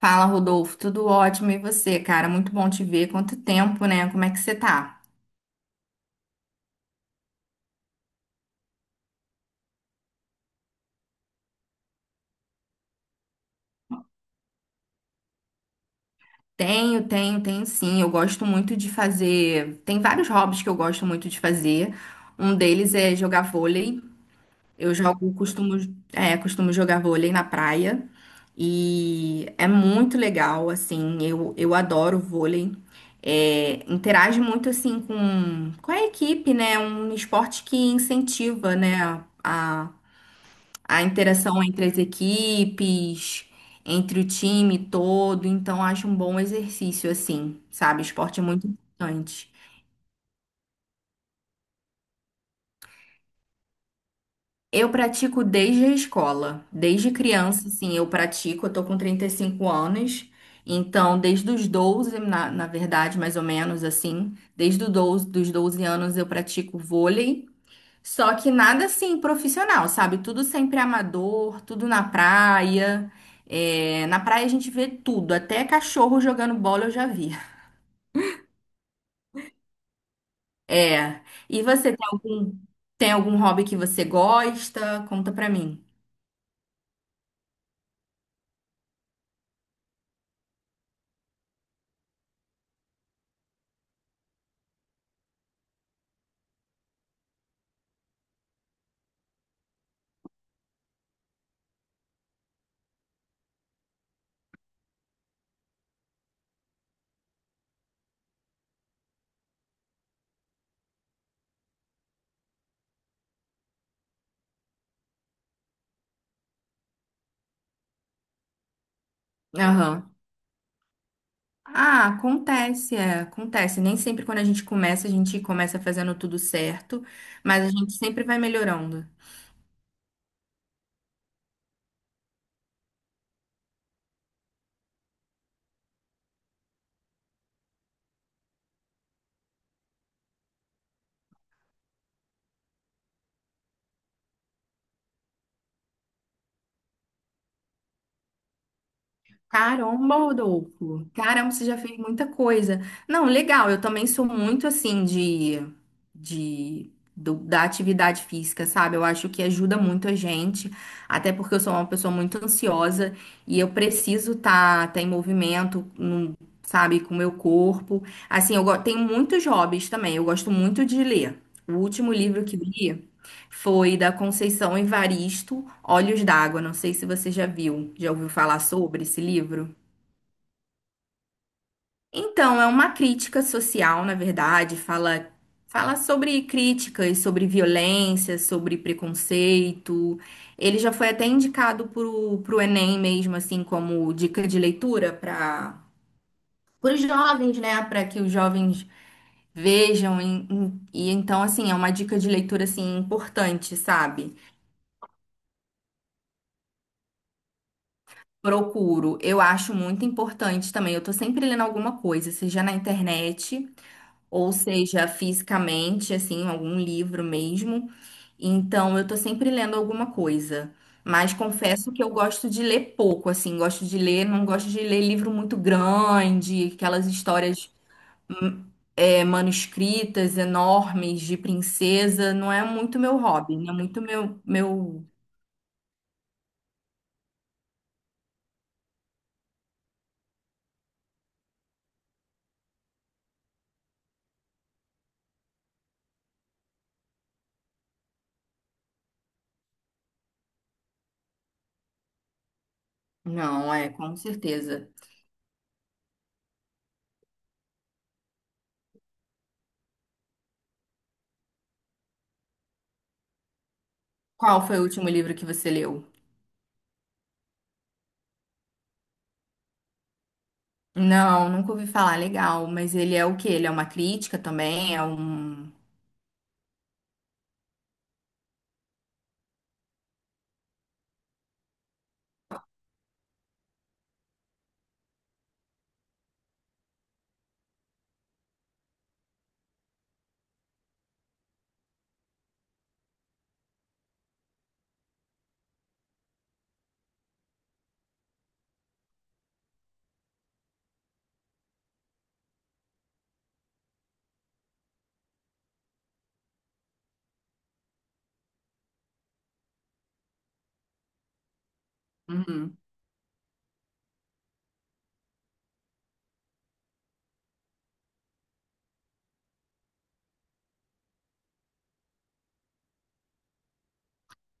Fala, Rodolfo, tudo ótimo. E você, cara? Muito bom te ver. Quanto tempo, né? Como é que você tá? Tenho, tenho, tenho, sim. Eu gosto muito de fazer. Tem vários hobbies que eu gosto muito de fazer. Um deles é jogar vôlei. Eu jogo, costumo jogar vôlei na praia. E é muito legal, assim. Eu adoro vôlei. É, interage muito, assim, com a equipe, né? Um esporte que incentiva, né? A interação entre as equipes, entre o time todo, então acho um bom exercício, assim, sabe? Esporte é muito importante. Eu pratico desde a escola, desde criança, assim, eu tô com 35 anos, então desde os 12, na verdade, mais ou menos assim, desde os 12 dos 12 anos eu pratico vôlei. Só que nada assim profissional, sabe? Tudo sempre amador, tudo na praia. É, na praia a gente vê tudo, até cachorro jogando bola eu já vi. É. E você tem algum hobby que você gosta? Conta pra mim. Aham. Ah, acontece, acontece. Nem sempre quando a gente começa fazendo tudo certo, mas a gente sempre vai melhorando. Caramba, Rodolfo. Caramba, você já fez muita coisa. Não, legal. Eu também sou muito assim de, de da atividade física, sabe? Eu acho que ajuda muito a gente, até porque eu sou uma pessoa muito ansiosa e eu preciso tá em movimento, sabe, com o meu corpo. Assim, tenho muitos hobbies também. Eu gosto muito de ler. O último livro que eu li foi da Conceição Evaristo, Olhos d'Água. Não sei se você já viu, já ouviu falar sobre esse livro. Então, é uma crítica social, na verdade, fala sobre críticas, sobre violência, sobre preconceito. Ele já foi até indicado pro Enem mesmo, assim, como dica de leitura para os jovens, né? Para que os jovens vejam. E então, assim, é uma dica de leitura, assim, importante, sabe? Procuro. Eu acho muito importante também. Eu tô sempre lendo alguma coisa, seja na internet, ou seja, fisicamente, assim, algum livro mesmo. Então, eu tô sempre lendo alguma coisa. Mas confesso que eu gosto de ler pouco, assim, gosto de ler, não gosto de ler livro muito grande, aquelas histórias hum, manuscritas enormes de princesa, não é muito meu hobby, não é muito meu. Não, é, com certeza. Qual foi o último livro que você leu? Não, nunca ouvi falar, legal, mas ele é o quê? Ele é uma crítica também? É um. Uhum.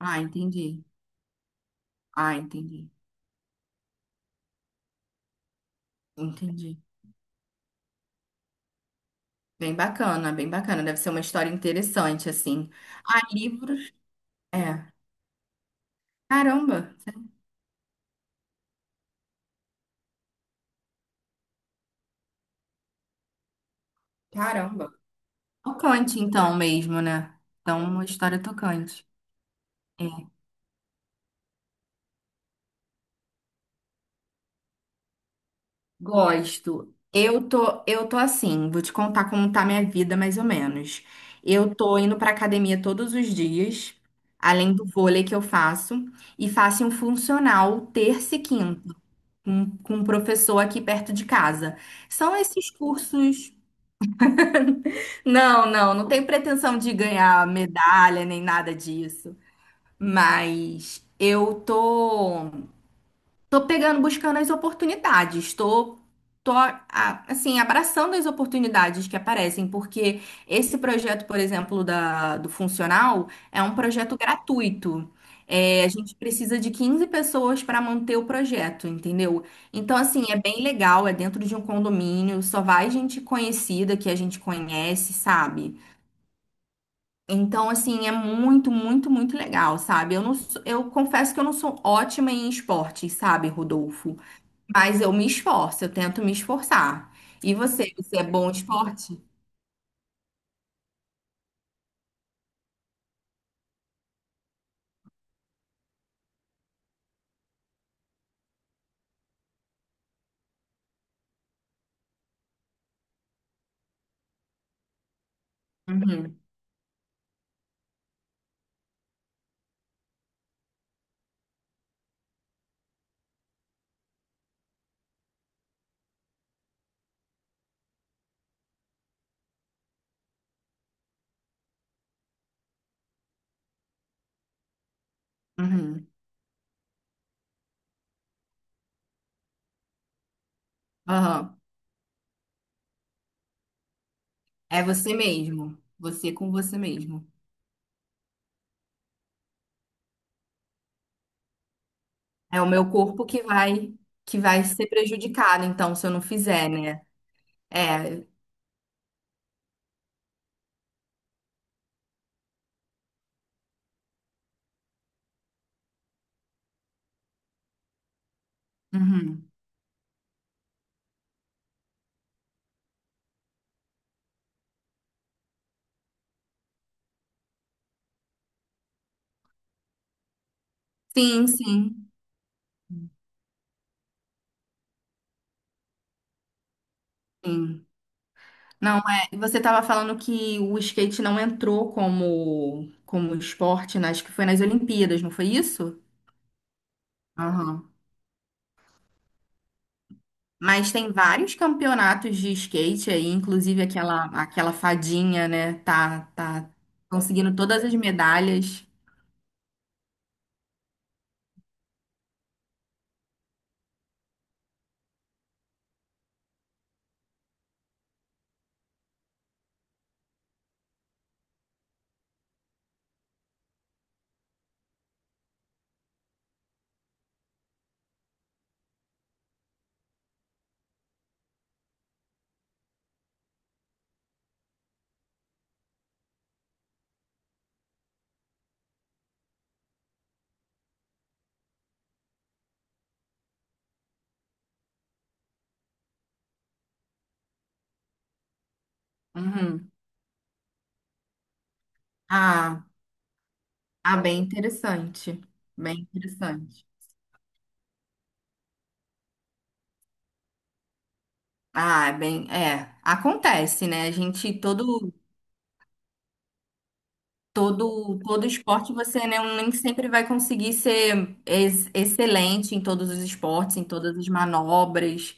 Ah, entendi. Ah, entendi. Entendi. Bem bacana, bem bacana. Deve ser uma história interessante, assim. Ah, livros. É. Caramba, caramba. Tocante, então, mesmo, né? Então, uma história tocante. É. Gosto. Eu tô assim, vou te contar como tá minha vida, mais ou menos. Eu tô indo pra academia todos os dias, além do vôlei que eu faço, e faço um funcional terça e quinta, com um professor aqui perto de casa. São esses cursos. Não, não, não tenho pretensão de ganhar medalha nem nada disso. Mas eu tô. Tô pegando, buscando as oportunidades. Tô assim, abraçando as oportunidades que aparecem, porque esse projeto, por exemplo, do funcional, é um projeto gratuito. É, a gente precisa de 15 pessoas para manter o projeto, entendeu? Então, assim, é bem legal, é dentro de um condomínio, só vai gente conhecida que a gente conhece, sabe? Então, assim, é muito, muito, muito legal, sabe? Eu confesso que eu não sou ótima em esportes, sabe, Rodolfo? Mas eu me esforço, eu tento me esforçar. E você é bom em esporte? Uhum, uhum, aham. É você mesmo, você com você mesmo. É o meu corpo que vai ser prejudicado, então, se eu não fizer, né? É, uhum. Sim, sim, sim. Não, é, você estava falando que o skate não entrou como esporte, né? Acho que foi nas Olimpíadas, não foi isso? Aham. Mas tem vários campeonatos de skate aí, inclusive aquela fadinha, né? Tá conseguindo todas as medalhas. Uhum. Ah, ah, bem interessante. Bem interessante. Ah, acontece, né? A gente todo. Todo esporte, você, né, um nem sempre vai conseguir ser excelente em todos os esportes, em todas as manobras.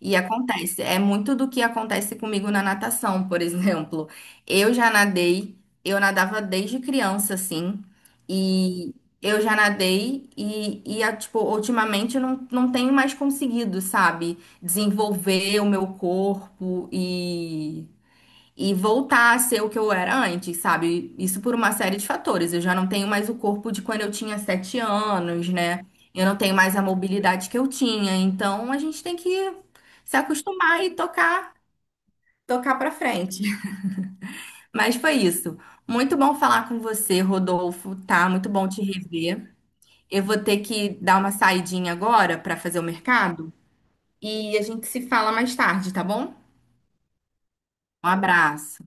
E acontece, é muito do que acontece comigo na natação, por exemplo. Eu já nadei, eu nadava desde criança, assim, e eu já nadei e tipo, ultimamente eu não tenho mais conseguido, sabe, desenvolver o meu corpo e voltar a ser o que eu era antes, sabe? Isso por uma série de fatores. Eu já não tenho mais o corpo de quando eu tinha 7 anos, né? Eu não tenho mais a mobilidade que eu tinha. Então a gente tem que se acostumar e tocar, tocar para frente. Mas foi isso. Muito bom falar com você, Rodolfo, tá? Muito bom te rever. Eu vou ter que dar uma saidinha agora para fazer o mercado e a gente se fala mais tarde, tá bom? Um abraço.